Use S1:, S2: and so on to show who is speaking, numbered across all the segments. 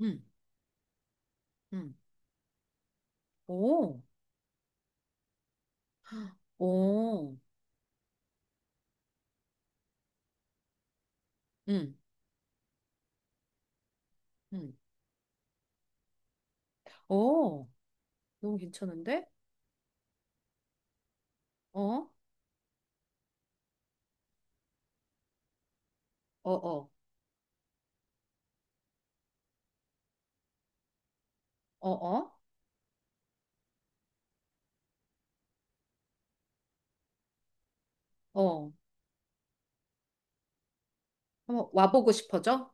S1: 음, 음. 오, 오, 음, 음. 오, 너무 괜찮은데? 어, 어, 어, 어, 어, 어. 한번 와보고 싶어져?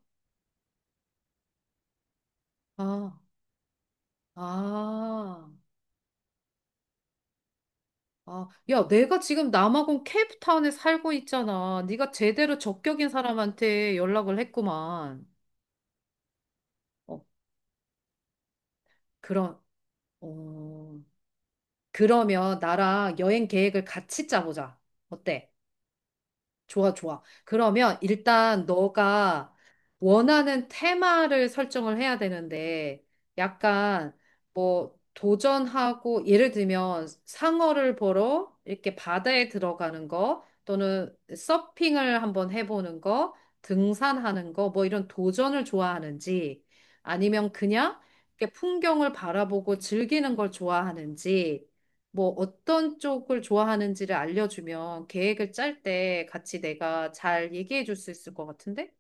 S1: 아, 아, 아. 야, 내가 지금 남아공 케이프타운에 살고 있잖아. 네가 제대로 적격인 사람한테 연락을 했구만. 어, 그럼, 어. 그러면 나랑 여행 계획을 같이 짜보자. 어때? 좋아, 좋아. 그러면 일단 너가 원하는 테마를 설정을 해야 되는데, 약간 뭐 도전하고, 예를 들면 상어를 보러 이렇게 바다에 들어가는 거, 또는 서핑을 한번 해보는 거, 등산하는 거, 뭐 이런 도전을 좋아하는지, 아니면 그냥 이렇게 풍경을 바라보고 즐기는 걸 좋아하는지, 뭐 어떤 쪽을 좋아하는지를 알려주면 계획을 짤 때 같이 내가 잘 얘기해 줄 수 있을 것 같은데?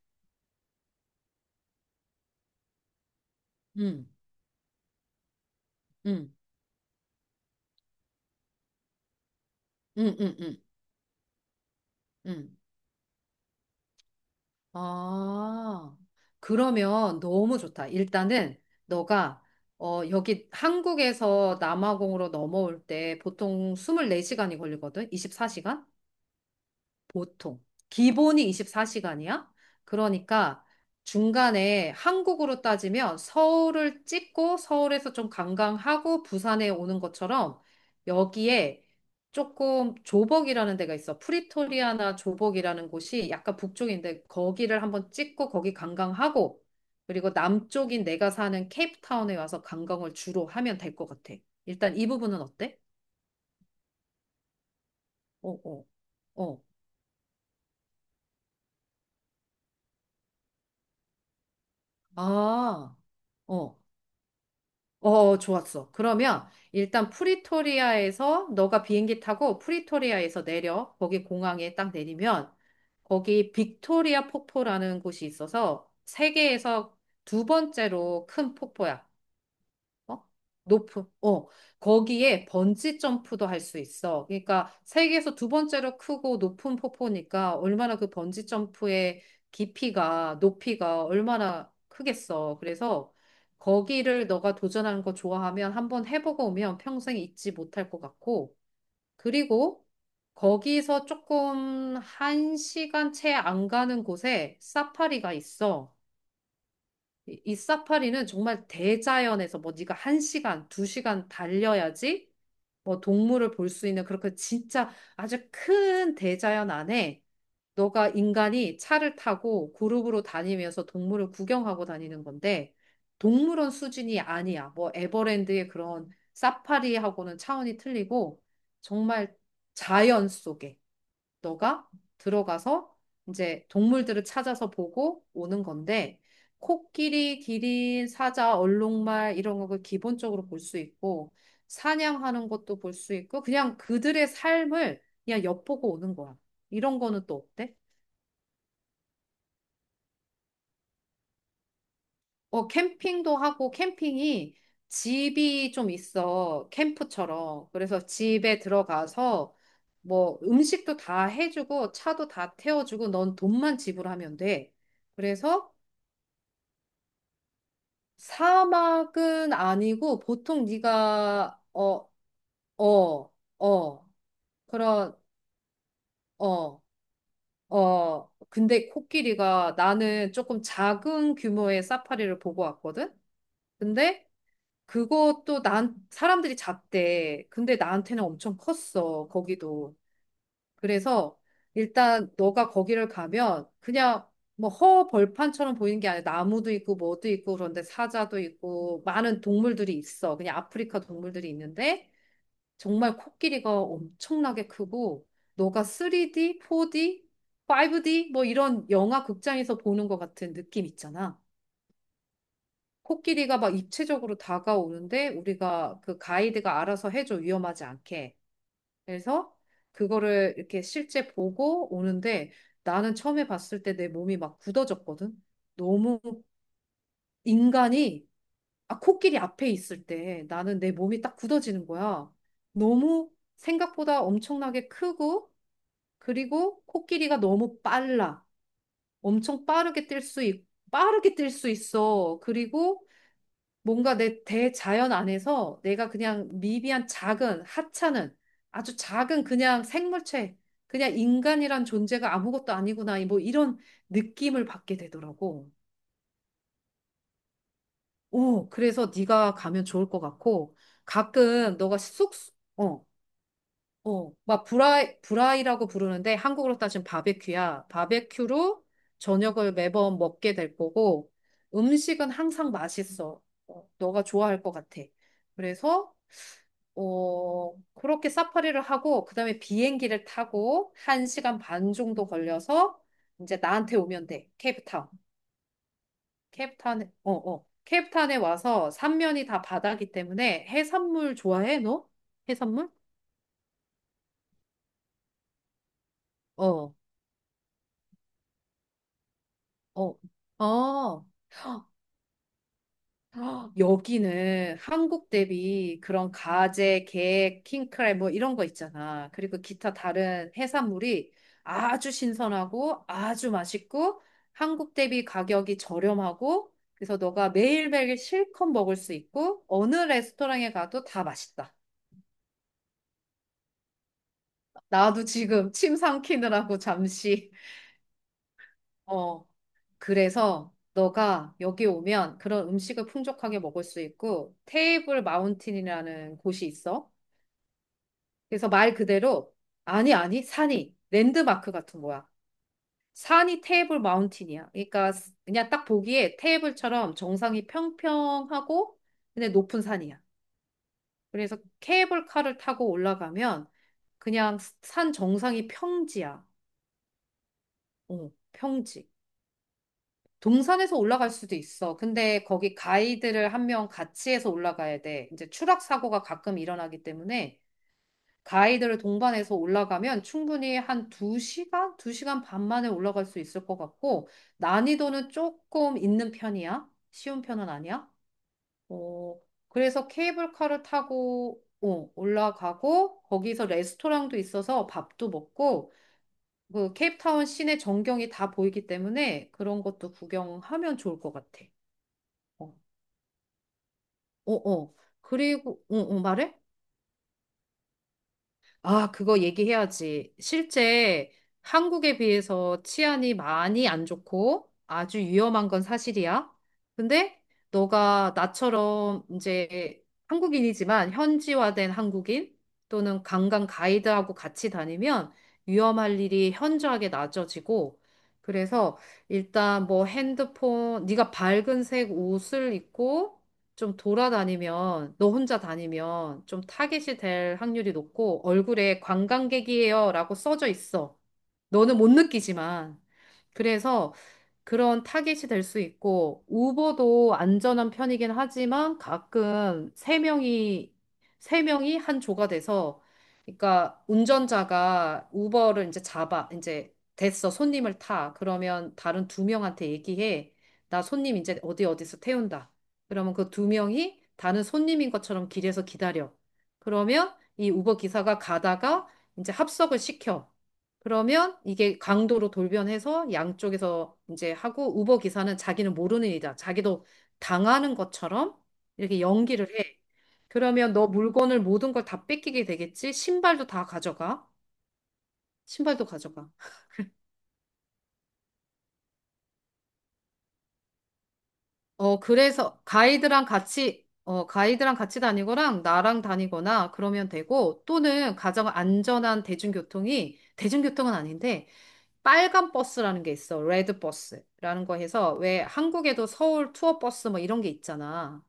S1: 응, 응, 응, 응, 응, 응. 아, 그러면 너무 좋다. 일단은 너가 여기 한국에서 남아공으로 넘어올 때 보통 24시간이 걸리거든? 24시간? 보통. 기본이 24시간이야? 그러니까 중간에 한국으로 따지면 서울을 찍고 서울에서 좀 관광하고 부산에 오는 것처럼 여기에 조금 조벅이라는 데가 있어. 프리토리아나 조벅이라는 곳이 약간 북쪽인데 거기를 한번 찍고 거기 관광하고 그리고 남쪽인 내가 사는 케이프타운에 와서 관광을 주로 하면 될 것 같아. 일단 이 부분은 어때? 어, 어, 어. 아, 어. 어, 좋았어. 그러면 일단 프리토리아에서 너가 비행기 타고 프리토리아에서 내려. 거기 공항에 딱 내리면 거기 빅토리아 폭포라는 곳이 있어서 세계에서 두 번째로 큰 폭포야. 어? 높은, 어, 거기에 번지 점프도 할 수 있어. 그러니까 세계에서 두 번째로 크고 높은 폭포니까 얼마나 그 번지 점프의 깊이가, 높이가 얼마나 크겠어. 그래서 거기를 너가 도전하는 거 좋아하면 한번 해보고 오면 평생 잊지 못할 것 같고, 그리고 거기서 조금 한 시간 채 안 가는 곳에 사파리가 있어. 이 사파리는 정말 대자연에서 뭐 네가 한시간두시간 달려야지 뭐 동물을 볼 수 있는 그렇게 진짜 아주 큰 대자연 안에 너가 인간이 차를 타고 그룹으로 다니면서 동물을 구경하고 다니는 건데 동물원 수준이 아니야. 뭐 에버랜드의 그런 사파리하고는 차원이 틀리고 정말 자연 속에 너가 들어가서 이제 동물들을 찾아서 보고 오는 건데, 코끼리, 기린, 사자, 얼룩말 이런 걸 기본적으로 볼 수 있고, 사냥하는 것도 볼 수 있고, 그냥 그들의 삶을 그냥 엿보고 오는 거야. 이런 거는 또 어때? 어, 캠핑도 하고, 캠핑이 집이 좀 있어. 캠프처럼. 그래서 집에 들어가서 뭐 음식도 다 해주고, 차도 다 태워주고, 넌 돈만 지불하면 돼. 그래서 사막은 아니고 보통 네가 어, 어, 어, 그런 어, 어. 근데 코끼리가 나는 조금 작은 규모의 사파리를 보고 왔거든. 근데 그것도 난 사람들이 작대. 근데 나한테는 엄청 컸어. 거기도. 그래서 일단 너가 거기를 가면 그냥 뭐 허벌판처럼 보이는 게 아니라 나무도 있고 뭐도 있고 그런데 사자도 있고 많은 동물들이 있어. 그냥 아프리카 동물들이 있는데 정말 코끼리가 엄청나게 크고 너가 3D, 4D, 5D 뭐 이런 영화 극장에서 보는 것 같은 느낌 있잖아. 코끼리가 막 입체적으로 다가오는데 우리가 그 가이드가 알아서 해줘 위험하지 않게. 그래서 그거를 이렇게 실제 보고 오는데 나는 처음에 봤을 때 내 몸이 막 굳어졌거든. 너무 인간이 아, 코끼리 앞에 있을 때 나는 내 몸이 딱 굳어지는 거야. 너무 생각보다 엄청나게 크고 그리고 코끼리가 너무 빨라. 엄청 빠르게 뛸 수 있어. 그리고 뭔가 내 대자연 안에서 내가 그냥 미비한 작은 하찮은 아주 작은 그냥 생물체, 그냥 인간이란 존재가 아무것도 아니구나 뭐 이런 느낌을 받게 되더라고. 오, 그래서 네가 가면 좋을 것 같고 가끔 너가 어, 막 브라이, 브라이라고 부르는데 한국으로 따지면 바베큐야. 바베큐로 저녁을 매번 먹게 될 거고 음식은 항상 맛있어. 어, 너가 좋아할 것 같아. 그래서 어, 그렇게 사파리를 하고 그다음에 비행기를 타고 한시간반 정도 걸려서 이제 나한테 오면 돼. 케이프타운. 케이프타운에 어, 어. 케이프타운에 와서 삼면이 다 바다기 때문에 해산물 좋아해, 너? 해산물? 어. 어, 어 헉, 여기는 한국 대비 그런 가재, 게, 킹크랩 뭐 이런 거 있잖아. 그리고 기타 다른 해산물이 아주 신선하고 아주 맛있고 한국 대비 가격이 저렴하고 그래서 너가 매일매일 실컷 먹을 수 있고 어느 레스토랑에 가도 다 맛있다. 나도 지금 침 삼키느라고 잠시 어, 그래서 너가 여기 오면 그런 음식을 풍족하게 먹을 수 있고 테이블 마운틴이라는 곳이 있어. 그래서 말 그대로 아니, 산이 랜드마크 같은 거야. 산이 테이블 마운틴이야. 그러니까 그냥 딱 보기에 테이블처럼 정상이 평평하고 근데 높은 산이야. 그래서 케이블카를 타고 올라가면 그냥 산 정상이 평지야. 어, 평지. 동산에서 올라갈 수도 있어. 근데 거기 가이드를 한 명 같이 해서 올라가야 돼. 이제 추락 사고가 가끔 일어나기 때문에 가이드를 동반해서 올라가면 충분히 한 2시간? 2시간 반 만에 올라갈 수 있을 것 같고 난이도는 조금 있는 편이야. 쉬운 편은 아니야. 어, 그래서 케이블카를 타고 어, 올라가고 거기서 레스토랑도 있어서 밥도 먹고 그 케이프타운 시내 전경이 다 보이기 때문에 그런 것도 구경하면 좋을 것 같아. 어, 어, 어. 그리고, 어, 어, 말해? 아, 그거 얘기해야지. 실제 한국에 비해서 치안이 많이 안 좋고 아주 위험한 건 사실이야. 근데 너가 나처럼 이제 한국인이지만 현지화된 한국인 또는 관광 가이드하고 같이 다니면 위험할 일이 현저하게 낮아지고 그래서 일단 뭐 핸드폰, 네가 밝은 색 옷을 입고 좀 돌아다니면, 너 혼자 다니면 좀 타겟이 될 확률이 높고 얼굴에 관광객이에요라고 써져 있어. 너는 못 느끼지만. 그래서 그런 타깃이 될 수 있고, 우버도 안전한 편이긴 하지만 가끔 세 명이 한 조가 돼서, 그러니까 운전자가 우버를 이제 잡아, 이제 됐어, 손님을 타. 그러면 다른 두 명한테 얘기해. 나 손님 이제 어디 어디서 태운다. 그러면 그 두 명이 다른 손님인 것처럼 길에서 기다려. 그러면 이 우버 기사가 가다가 이제 합석을 시켜. 그러면 이게 강도로 돌변해서 양쪽에서 이제 하고 우버 기사는 자기는 모르는 일이다. 자기도 당하는 것처럼 이렇게 연기를 해. 그러면 너 물건을 모든 걸 다 뺏기게 되겠지? 신발도 다 가져가. 신발도 가져가. 어, 그래서 가이드랑 같이 다니거나 나랑 다니거나 그러면 되고 또는 가장 안전한 대중교통이 대중교통은 아닌데 빨간 버스라는 게 있어. 레드 버스라는 거 해서 왜 한국에도 서울 투어 버스 뭐 이런 게 있잖아.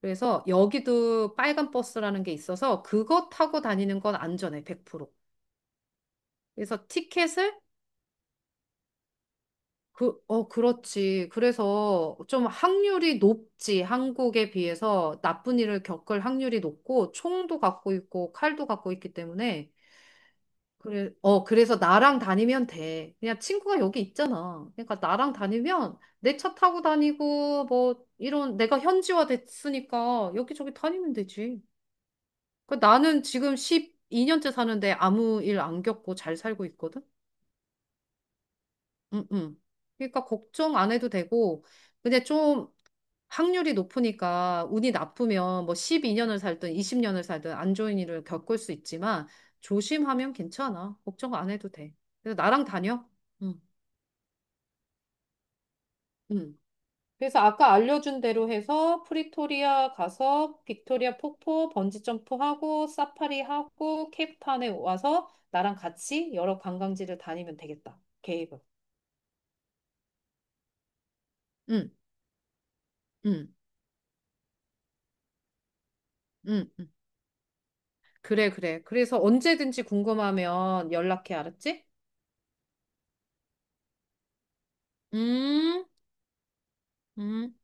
S1: 그래서 여기도 빨간 버스라는 게 있어서 그거 타고 다니는 건 안전해, 100%. 그래서 티켓을 그, 어, 그렇지. 그래서 좀 확률이 높지. 한국에 비해서 나쁜 일을 겪을 확률이 높고 총도 갖고 있고 칼도 갖고 있기 때문에 그래, 그래서 나랑 다니면 돼. 그냥 친구가 여기 있잖아. 그러니까 나랑 다니면 내 차 타고 다니고, 뭐, 이런, 내가 현지화 됐으니까 여기저기 다니면 되지. 그 나는 지금 12년째 사는데 아무 일 안 겪고 잘 살고 있거든? 응, 응. 그러니까 걱정 안 해도 되고, 근데 좀 확률이 높으니까 운이 나쁘면 뭐 12년을 살든 20년을 살든 안 좋은 일을 겪을 수 있지만 조심하면 괜찮아. 걱정 안 해도 돼. 그래서 나랑 다녀. 응. 음. 그래서 아까 알려준 대로 해서 프리토리아 가서 빅토리아 폭포 번지점프 하고 사파리 하고 케이프타운에 와서 나랑 같이 여러 관광지를 다니면 되겠다. 계획을. 응, 응, 응, 응. 그래, 그래. 그래서 언제든지 궁금하면 연락해, 알았지? 음, 음.